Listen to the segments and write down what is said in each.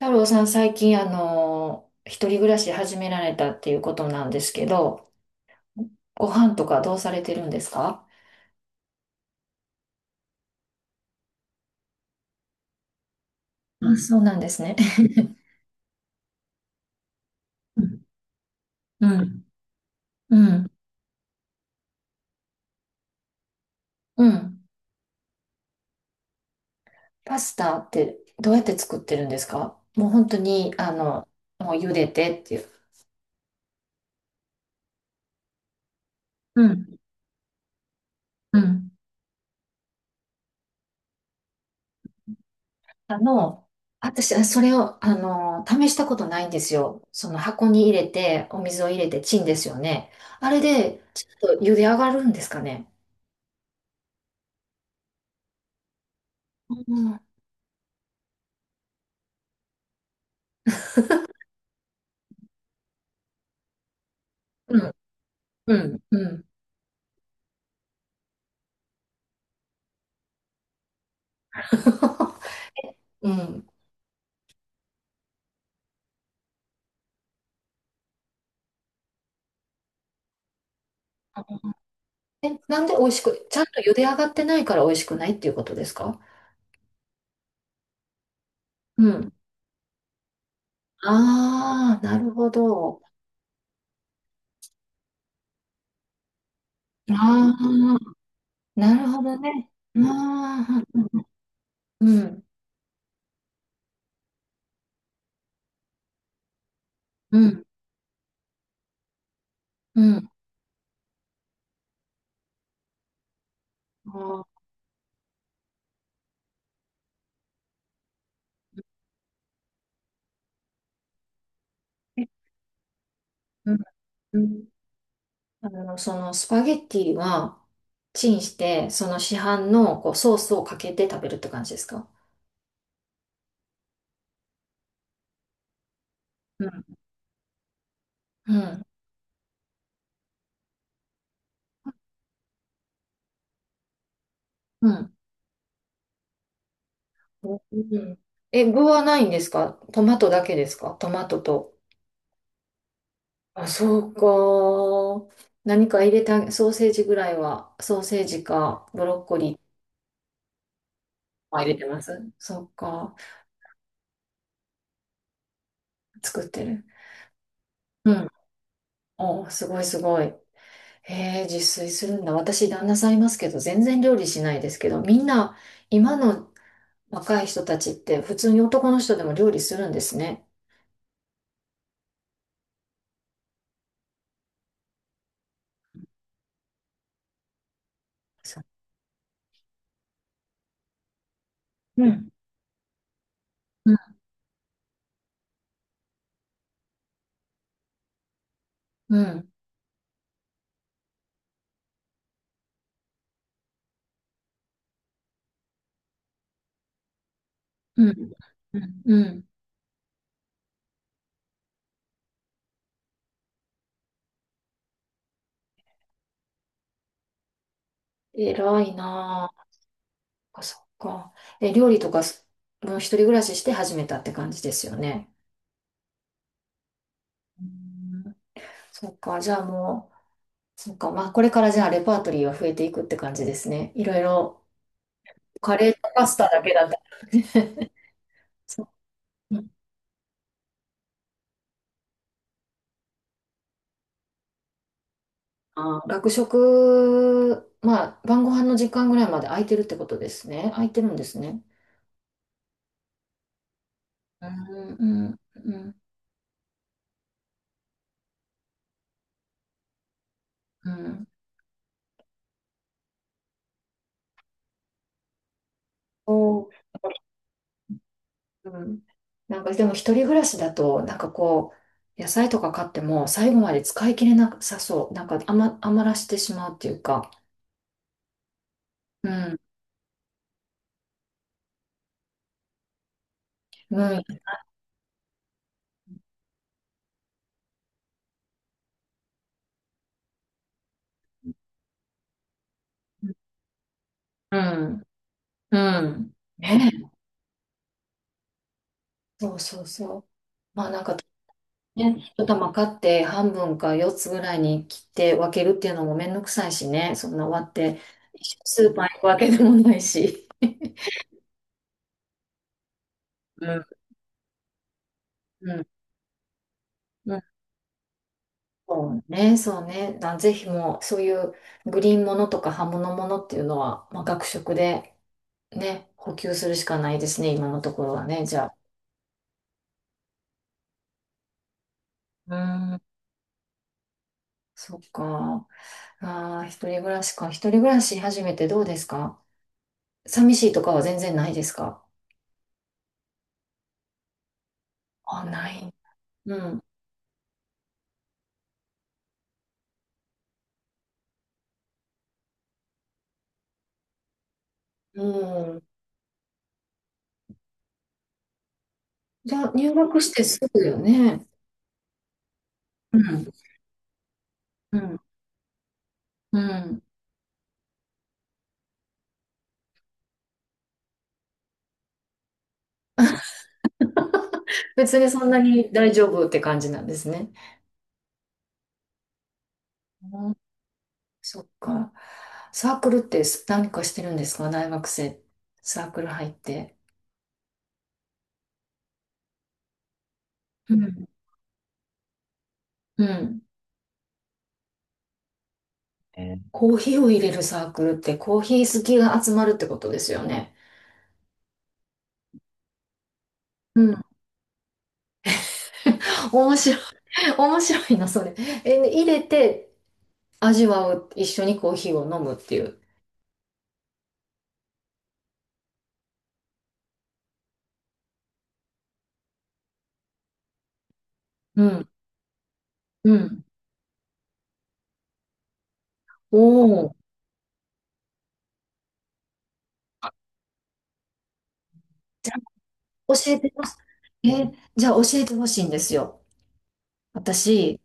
太郎さん、最近、一人暮らし始められたっていうことなんですけど、ご飯とかどうされてるんですか？あ、そうなんですね。うん、うん、うん。パスタってどうやって作ってるんですか？もう本当に、もう茹でてっていう。うん、うん。あの、私、それを、試したことないんですよ。その箱に入れて、お水を入れてチンですよね。あれで、ちょっと茹で上がるんですかね。うん。うんうん、うん。うん。え、なんで美味しく、ちゃんと茹で上がってないから美味しくないっていうことですか？うん。ああ、なるほど。ああ、なるほどね。ああ、うん、うん、うん。ああ、えうんうん。そのスパゲッティは、チンして、その市販のこうソースをかけて食べるって感じですか？うん、うん、うん。うん、え、具はないんですか？トマトだけですか？トマトと。あ、そうか。何か入れたソーセージぐらいは、ソーセージかブロッコリーは入れてます？そうか。作ってる。うん。お、すごいすごい。へえ、自炊するんだ。私、旦那さんいますけど、全然料理しないですけど、みんな、今の若い人たちって、普通に男の人でも料理するんですね。そううん。うん。うん。うん。うん。うん偉いなあか、そっか。え、料理とかす、もう一人暮らしして始めたって感じですよね。うんそっか、じゃあもう、そっか、まあこれからじゃあレパートリーは増えていくって感じですね。いろいろ、カレーとパスタだけだった。そっかあ学食、まあ晩ご飯の時間ぐらいまで空いてるってことですね。空いてるんですね。うん、うん、うん、うん。おーうん。なんかでも一人暮らしだと、なんかこう、野菜とか買っても最後まで使い切れなさそう。なんか余らしてしまうっていうか。うん。うん。うん。うん。ねえ。そうそうそう。まあなんかね、一玉買って半分か四つぐらいに切って分けるっていうのもめんどくさいしね。そんな割って、一緒にスーパー行くわけでもないし。うん。うん。そうね、そうね。だぜひもう、そういうグリーンものとか葉物ものっていうのは、まあ、学食でね、補給するしかないですね、今のところはね、じゃあ。うん、そっか。ああ、一人暮らしか。一人暮らし始めてどうですか？寂しいとかは全然ないですか？あ、ない。うん。うん。じゃあ、入学してすぐよね。うん。うん。うん。別にそんなに大丈夫って感じなんですね。うんそっか。サークルってす何かしてるんですか？大学生。サークル入って。うん。うん。コーヒーを入れるサークルってコーヒー好きが集まるってことですよね。うん。面白い。面白いな、それ。え、入れて味わう。一緒にコーヒーを飲むっていう。うん。うん。おお。教えてほしい。え、じゃあ教えてほしいんですよ。私、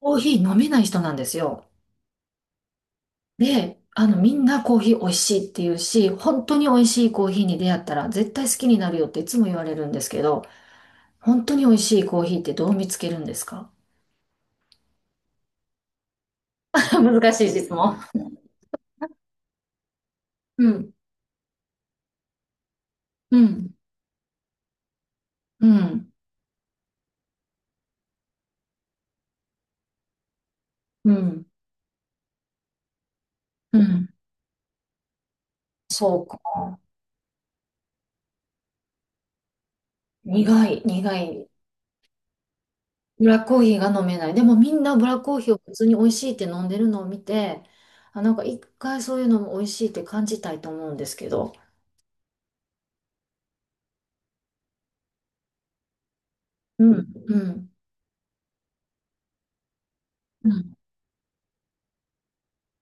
コーヒー飲めない人なんですよ。で、みんなコーヒー美味しいって言うし、本当に美味しいコーヒーに出会ったら絶対好きになるよっていつも言われるんですけど、本当に美味しいコーヒーってどう見つけるんですか？ 難しい質問。うん、うん、うん、うん、うん。そうか。苦い、苦い。ブラックコーヒーが飲めない。でもみんなブラックコーヒーを普通に美味しいって飲んでるのを見て、あ、なんか一回そういうのも美味しいって感じたいと思うんですけど。うん、うん、うん。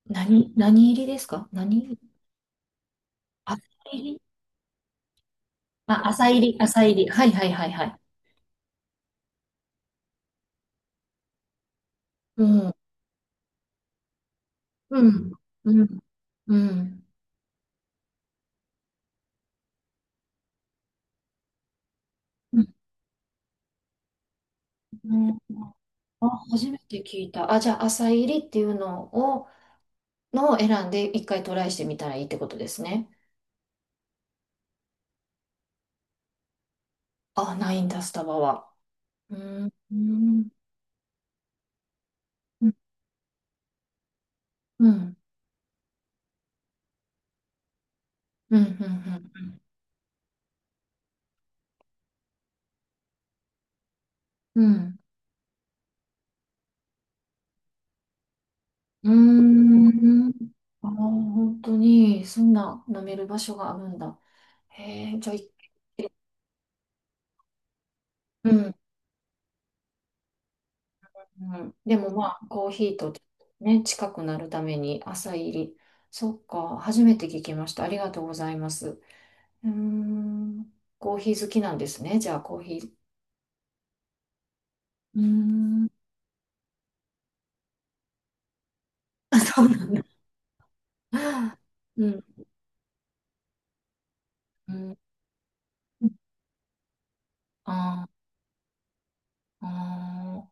何入りですか？何浅入り、あ、浅入り、浅入り。はいはいはいはい。うん。うん。うん。うん。うんうんあ、初めて聞いた。あ、じゃあ、浅入りっていうののを選んで一回トライしてみたらいいってことですね。あ、ないんだ、スタバは。うん。うん。うん。うん。うん。うん。うん。うん、ああ、本当に、そんな飲める場所があるんだ。へえ、じゃあ、いうん。うん、でもまあ、コーヒーとね、近くなるために朝入り。そっか、初めて聞きました。ありがとうございます。うーん、コーヒー好きなんですね。じゃあ、コーヒー。うーん、あそうなんだ。うん、うん。あーあ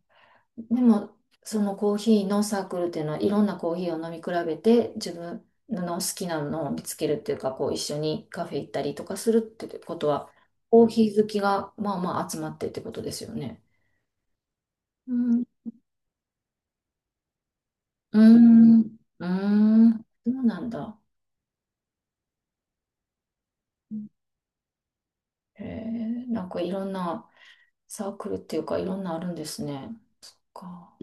ー。でも、そのコーヒーのサークルっていうのは、いろんなコーヒーを飲み比べて、自分の好きなのを見つけるっていうか、こう一緒にカフェ行ったりとかするってことは、コーヒー好きがまあまあ集まってってことですよね。うん。うーん。うーん。そうなんだ。へえ、なんかいろんなサークルっていうか、いろんなあるんですね。か。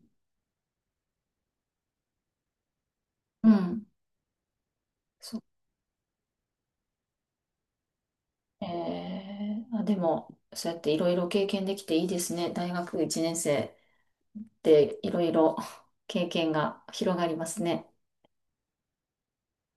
うん。そう。あ、でも、そうやっていろいろ経験できていいですね。大学1年生。っていろいろ経験が広がりますね。